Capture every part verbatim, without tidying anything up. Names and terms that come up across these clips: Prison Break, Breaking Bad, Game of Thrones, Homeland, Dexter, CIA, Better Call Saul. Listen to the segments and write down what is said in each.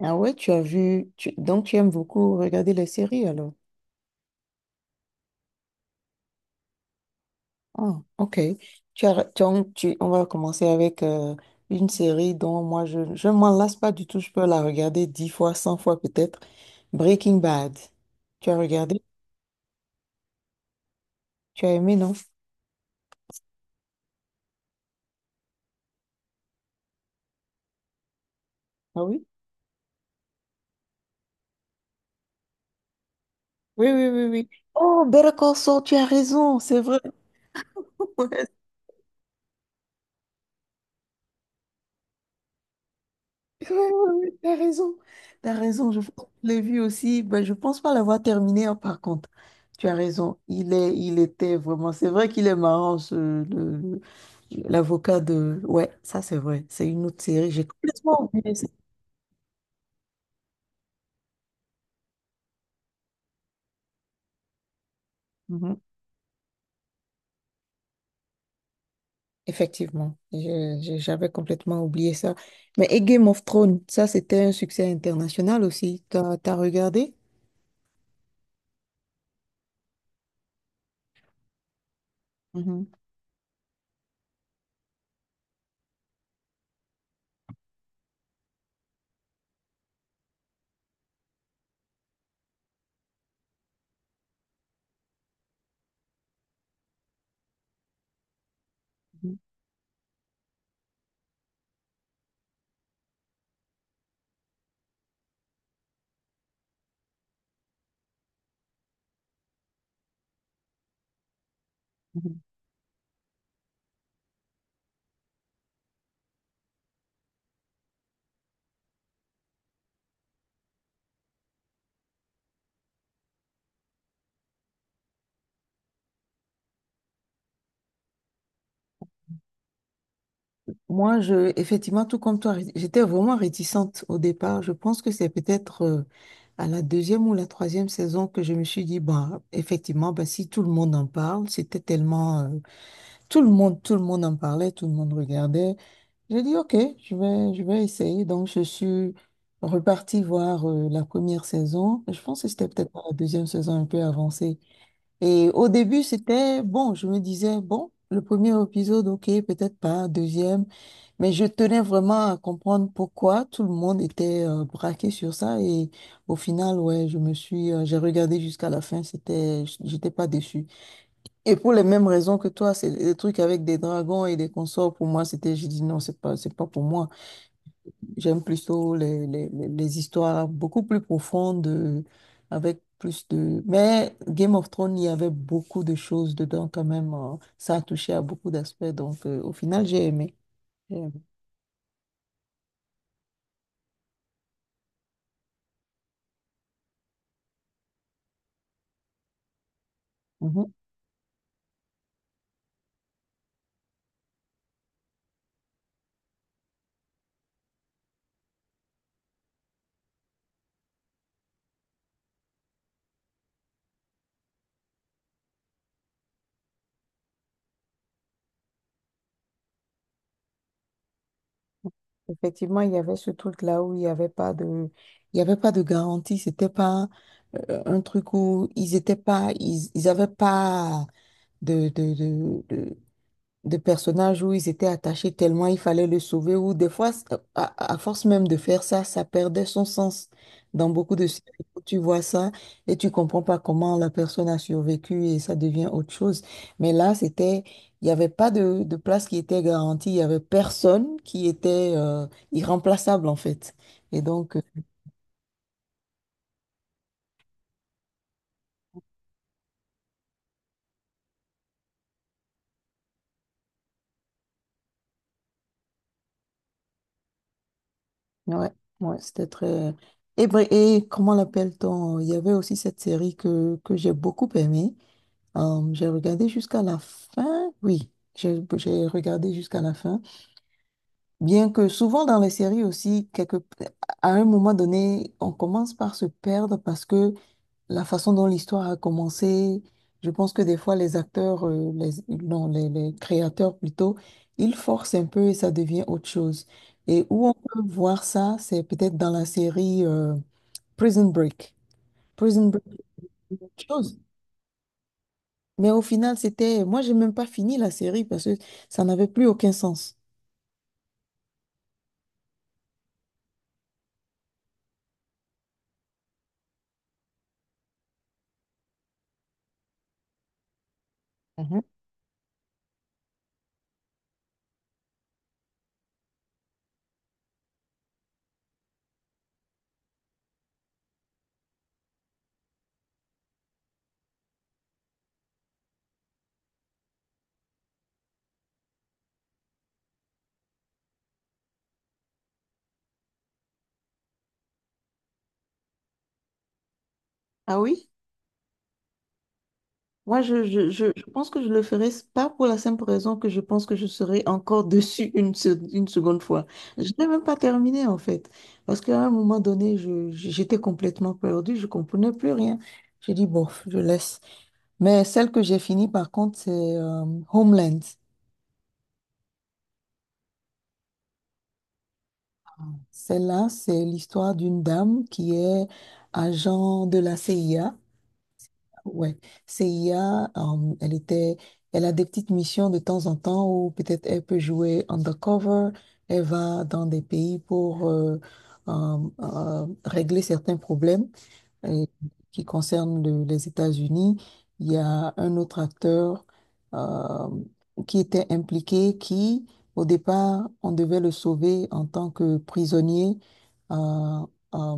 Ah ouais, tu as vu, tu- donc tu aimes beaucoup regarder les séries alors. Ah, ok. Tu as, tu en- tu- on va commencer avec euh, une série dont moi je ne m'en lasse pas du tout. Je peux la regarder dix fois, cent fois peut-être. Breaking Bad. Tu as regardé? Tu as aimé, non? Ah oui? Oui, oui, oui, oui. Oh, Better Call Saul, tu as raison, c'est vrai. Ouais, ouais, ouais, ouais, t'as raison, t'as raison. Je, pense que je l'ai vu aussi. Ben, je pense pas l'avoir terminé, hein, par contre. Tu as raison. Il est, il était vraiment. C'est vrai qu'il est marrant, ce, le- le- l'avocat de. Ouais, ça c'est vrai. C'est une autre série. J'ai complètement oublié ça. Mhm. Effectivement, Je- je- j'avais complètement oublié ça. Mais et Game of Thrones, ça c'était un succès international aussi. T'as, t'as regardé? Mhm. Mhm. Moi, je, effectivement, tout comme toi, j'étais vraiment réticente au départ. Je pense que c'est peut-être euh, à la deuxième ou la troisième saison que je me suis dit, bah, effectivement, bah, si tout le monde en parle, c'était tellement, euh, tout le monde, tout le monde en parlait, tout le monde regardait. J'ai dit, OK, je vais, je vais essayer. Donc, je suis repartie voir euh, la première saison. Je pense que c'était peut-être la deuxième saison un peu avancée. Et au début, c'était bon. Je me disais, bon, le premier épisode, OK, peut-être pas. Deuxième. Mais je tenais vraiment à comprendre pourquoi tout le monde était euh, braqué sur ça et au final, ouais, je me suis, euh, j'ai regardé jusqu'à la fin, c'était, j'étais pas déçu. Et pour les mêmes raisons que toi, c'est des trucs avec des dragons et des consorts, pour moi, c'était, j'ai dit non, c'est pas, c'est pas pour moi. J'aime plutôt les, les, les les histoires beaucoup plus profondes, euh, avec plus de… Mais Game of Thrones, il y avait beaucoup de choses dedans quand même, euh, ça a touché à beaucoup d'aspects, donc euh, au final, j'ai aimé. J'ai aimé. Mhm. Effectivement, il y avait ce truc-là où il n'y avait pas de, il y avait pas de garantie. C'était pas euh, un truc où ils étaient pas, ils, ils avaient pas de, de, de, de personnages où ils étaient attachés tellement il fallait le sauver, ou des fois, c- à, à force même de faire ça, ça perdait son sens. Dans beaucoup de séries, où tu vois ça et tu comprends pas comment la personne a survécu et ça devient autre chose. Mais là, c'était, il n'y avait pas de, de place qui était garantie, il y avait personne qui était euh, irremplaçable en fait. Et donc, euh, ouais, ouais, c'était très… Et, br- et comment l'appelle-t-on? Il y avait aussi cette série que, que j'ai beaucoup aimée. Euh, j'ai regardé jusqu'à la fin, oui, j'ai j'ai regardé jusqu'à la fin. Bien que souvent dans les séries aussi, quelque, à un moment donné, on commence par se perdre parce que la façon dont l'histoire a commencé, je pense que des fois les acteurs, euh, les, non, les, les créateurs plutôt, ils forcent un peu et ça devient autre chose. Et où on peut voir ça, c'est peut-être dans la série euh, Prison Break. Prison Break, c'est autre chose. Mais au final, c'était… Moi, j'ai même pas fini la série parce que ça n'avait plus aucun sens. Mhm. Ah oui? Moi, je, je, je, je pense que je le ferai s- pas pour la simple raison que je pense que je serai encore dessus une, se- une seconde fois. Je n'ai même pas terminé, en fait. Parce qu'à un moment donné, je, j'étais complètement perdue, je comprenais plus rien. J'ai dit, bon, je laisse. Mais celle que j'ai finie, par contre, c'est euh, Homeland. Celle-là, c'est l'histoire d'une dame qui est agent de la C I A. Ouais, C I A, euh, elle était, elle a des petites missions de temps en temps où peut-être elle peut jouer undercover, elle va dans des pays pour euh, euh, euh, régler certains problèmes euh, qui concerne le- les États-Unis. Il y a un autre acteur euh, qui était impliqué, qui, au départ, on devait le sauver en tant que prisonnier, euh, euh,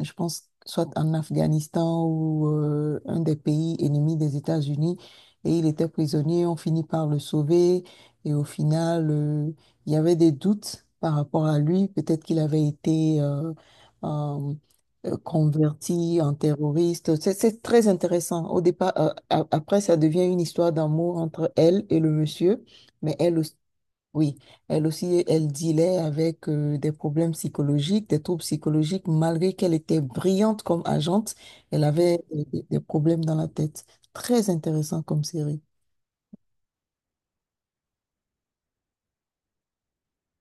je pense, soit en Afghanistan ou euh, un des pays ennemis des États-Unis. Et il était prisonnier, on finit par le sauver. Et au final, euh, il y avait des doutes par rapport à lui. Peut-être qu'il avait été… euh, euh, euh, converti en terroriste. C'est c'est très intéressant. Au départ, euh, a- après, ça devient une histoire d'amour entre elle et le monsieur, mais elle aussi, oui, elle aussi, elle dealait avec euh, des problèmes psychologiques, des troubles psychologiques, malgré qu'elle était brillante comme agente, elle avait euh, des, des problèmes dans la tête. Très intéressant comme série.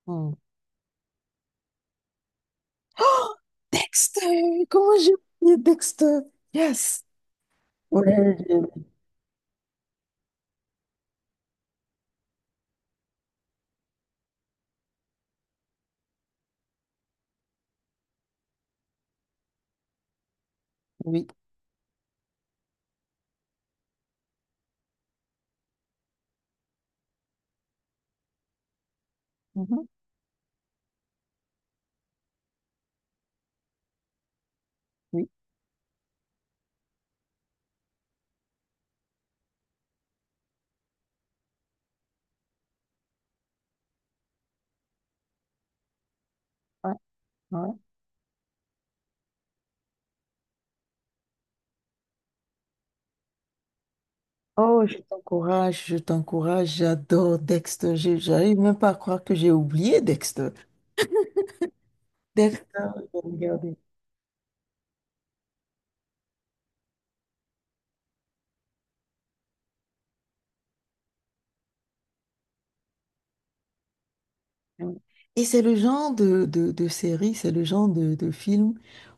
Hmm. Oh, Dexter, comment j'ai oublié Dexter? Yes. Ouais, j'ai- oui. Mhm. Oui. Ouais. Ouais. Oh, je t'encourage, je t'encourage, j'adore Dexter. Je- J'arrive même pas à croire que j'ai oublié Dexter. Dexter, je vais regarder. Et c'est le genre de, de, de série, c'est le genre de, de film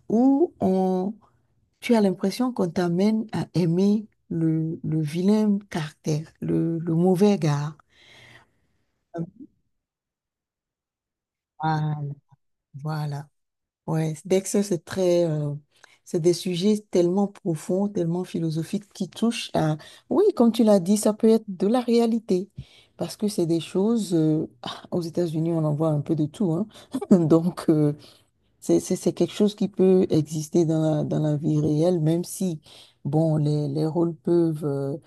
où on, tu as l'impression qu'on t'amène à aimer le, le vilain caractère, le, le mauvais gars. Ah, voilà. Ouais, Dexter, c'est très, euh, c'est des sujets tellement profonds, tellement philosophiques qui touchent à, oui, comme tu l'as dit, ça peut être de la réalité, parce que c'est des choses, euh, ah, aux États-Unis, on en voit un peu de tout, hein. Donc, euh, c'est, c'est, c'est quelque chose qui peut exister dans la, dans la vie réelle, même si, bon, les, les rôles peuvent, euh,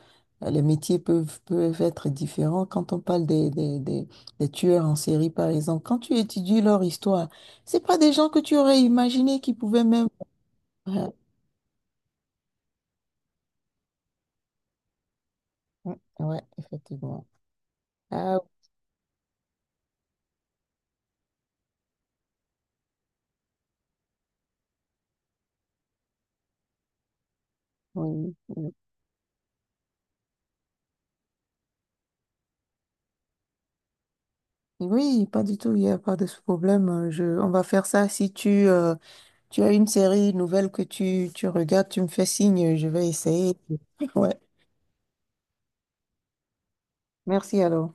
les métiers peuvent, peuvent être différents. Quand on parle des, des, des, des tueurs en série, par exemple, quand tu étudies leur histoire, c'est pas des gens que tu aurais imaginé qui pouvaient même… Ouais, ouais, effectivement. Ah oui. Oui, oui, pas du tout, il n'y a pas de ce problème. Euh, Je, on va faire ça. Si tu, euh, tu as une série nouvelle que tu, tu regardes, tu me fais signe, je vais essayer. Ouais. Merci alors.